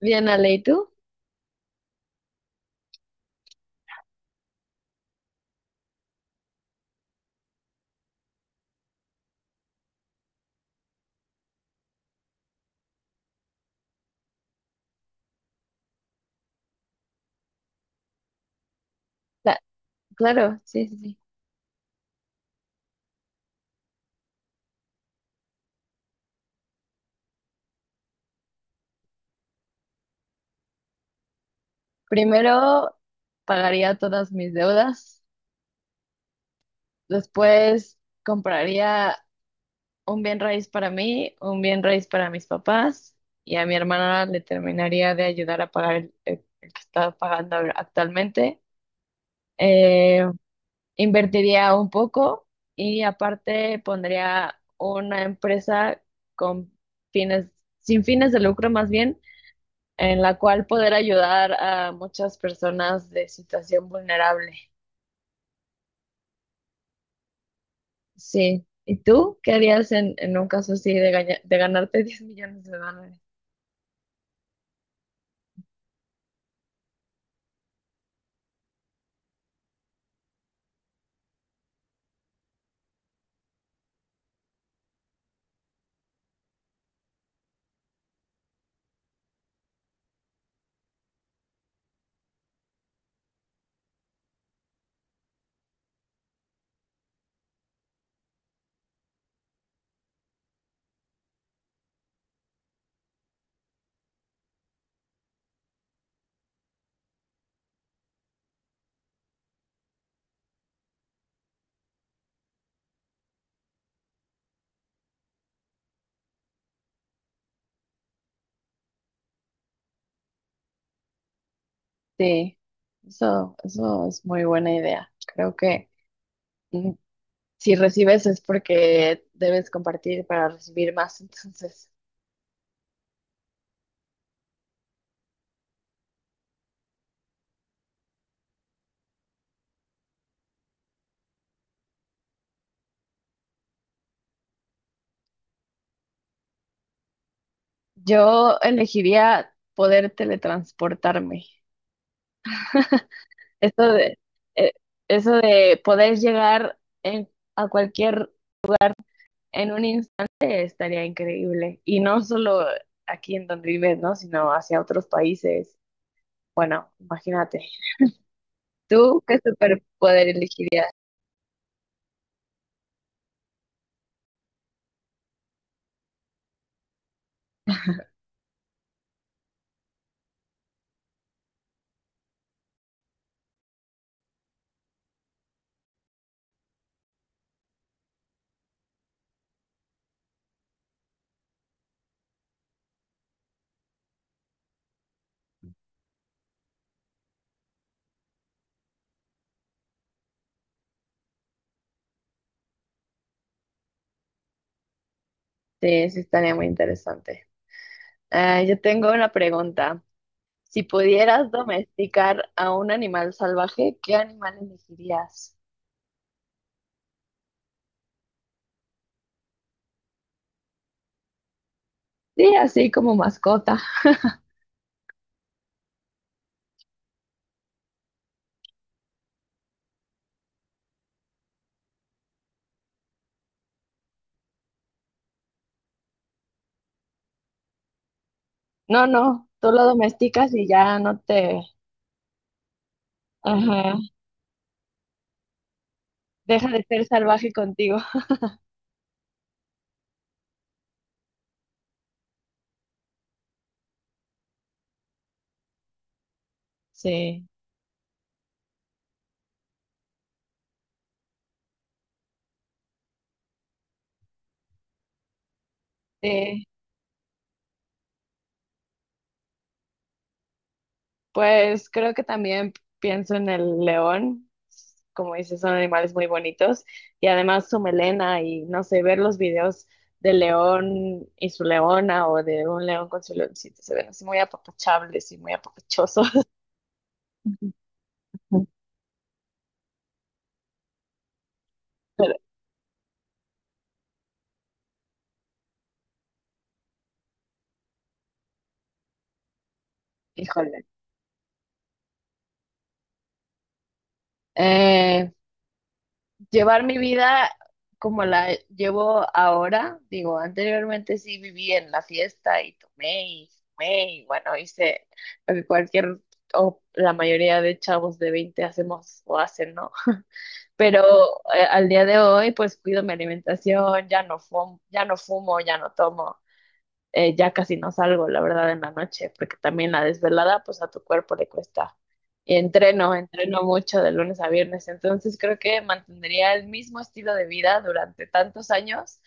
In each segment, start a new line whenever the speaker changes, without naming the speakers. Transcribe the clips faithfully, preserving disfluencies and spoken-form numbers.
Bien, Ale, ¿y tú? La- claro, sí, sí, sí. Primero pagaría todas mis deudas, después compraría un bien raíz para mí, un bien raíz para mis papás y a mi hermana le terminaría de ayudar a pagar el, el- el que está pagando ahora- actualmente. Eh, Invertiría un poco y aparte pondría una empresa con fines, sin fines de lucro más bien, en la cual poder ayudar a muchas personas de situación vulnerable. Sí. ¿Y tú qué harías en, en un caso así de, gaña- de ganarte diez millones de dólares? Sí. Eso, eso es muy buena idea. Creo que mm, si recibes es porque debes compartir para recibir más. Entonces, yo elegiría poder teletransportarme. Eso de, eh, eso de poder llegar en- a cualquier, en un... Estaría increíble. Y no solo aquí en donde vives, ¿no? Sino hacia otros países. Bueno, imagínate. ¿Tú qué superpoder elegirías? Sí, sí estaría muy interesante. Ah, yo tengo una pregunta. Si pudieras domesticar a un animal salvaje, ¿qué animal elegirías? Sí, así como mascota. No, no, tú lo domesticas y ya no te... Ajá, deja de ser salvaje contigo. Sí, sí. Pues creo que también pienso en el león, como dices, son animales muy bonitos y además su melena y no sé, ver los videos del león y su leona o de un león con su leoncito, se ven así muy apapachables y muy apapachosos. Ujú. Pero híjole. Eh, Llevar mi vida como la llevo ahora. Digo, anteriormente sí viví en la fiesta y tomé y fumé y bueno, hice lo que cualquier o la mayoría de chavos de veinte hacemos o hacen, ¿no? Pero eh, al día de hoy pues cuido mi alimentación, ya no fumo, ya no fumo, ya no tomo, eh, ya casi no salgo, la verdad, en la noche, porque también la desvelada, pues a tu cuerpo le cuesta. Y entreno, entreno mucho de lunes a viernes, entonces creo que mantendría el mismo estilo de vida durante tantos años,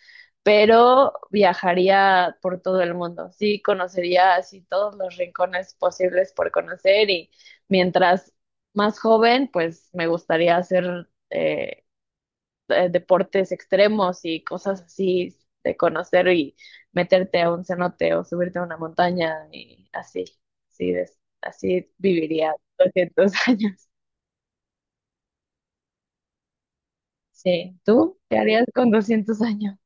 pero viajaría por todo el mundo. Sí, conocería así todos los rincones posibles por conocer y mientras más joven, pues me gustaría hacer eh, eh, deportes extremos y cosas así de conocer y meterte a un cenote o subirte a una montaña y así, así, es- así viviría doscientos años. Sí, ¿tú qué harías con doscientos años?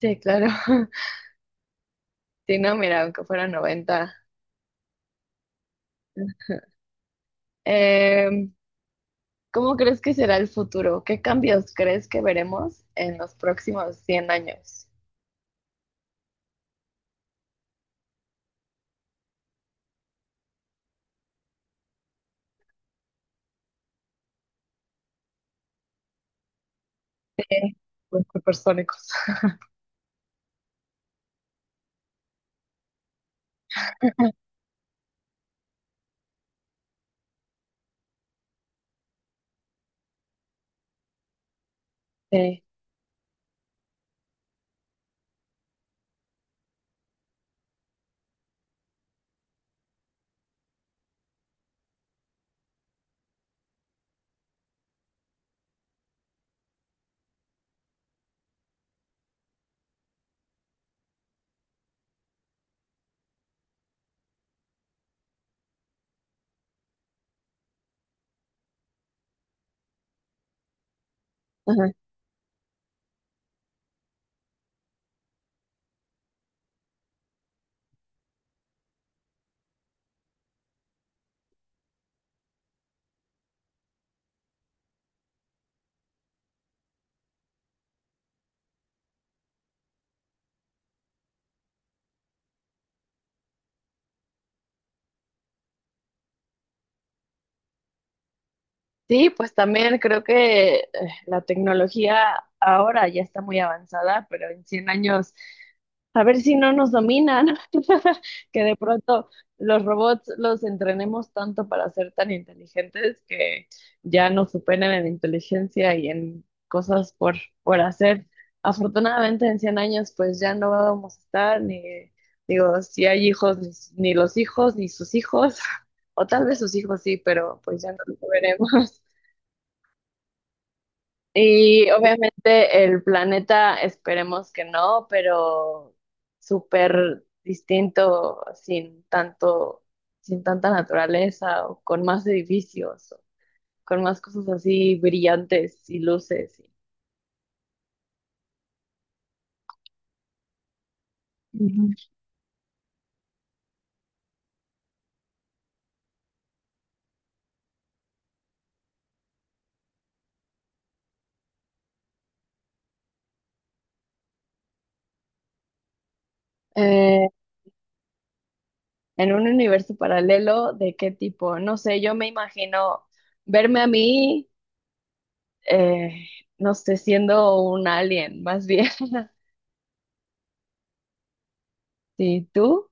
Sí, claro. Sí, no, mira, aunque fuera noventa. Em, ¿cómo crees que será el futuro? ¿Qué cambios crees que veremos en los próximos cien años? Sí, los supersónicos. Sí. Sí, pues también creo que eh, la tecnología ahora ya está muy avanzada, pero en cien años, a ver si no nos dominan, que de pronto los robots los entrenemos tanto para ser tan inteligentes que ya nos superen en inteligencia y en cosas por, por hacer. Afortunadamente en cien años pues ya no vamos a estar ni, digo, si hay hijos, ni, ni los hijos, ni sus hijos, o tal vez sus hijos sí, pero pues ya no lo veremos. Y obviamente el planeta, esperemos que no, pero súper distinto, sin tanto, sin tanta naturaleza, o con más edificios, o con más cosas así brillantes y luces. Ujú. Eh, en un universo paralelo, ¿de qué tipo? No sé, yo me imagino verme a mí, eh, no sé, siendo un alien, más bien. ¿Sí, tú?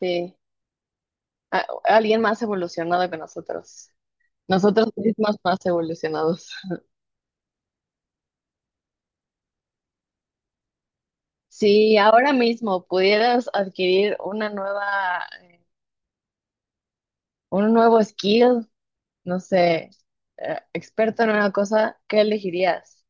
Sí. A- alguien más evolucionado que nosotros. Nosotros mismos más evolucionados. Si ahora mismo pudieras adquirir una nueva, eh, un nuevo skill, no sé, eh, experto en una cosa, ¿qué elegirías?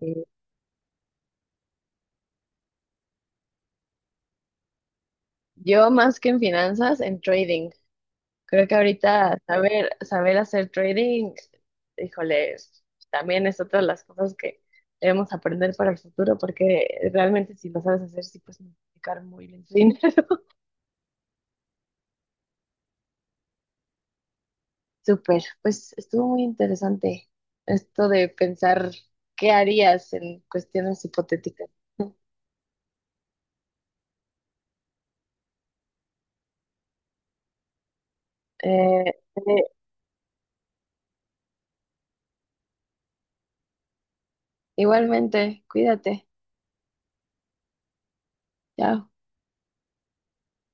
Y yo más que en finanzas, en trading. Creo que ahorita saber, saber hacer trading, híjole, también es otra de las cosas que debemos aprender para el futuro, porque realmente si lo sabes hacer, sí puedes multiplicar muy bien tu dinero. Súper, pues estuvo muy interesante esto de pensar qué harías en cuestiones hipotéticas. Eh, eh, igualmente, cuídate. Chao.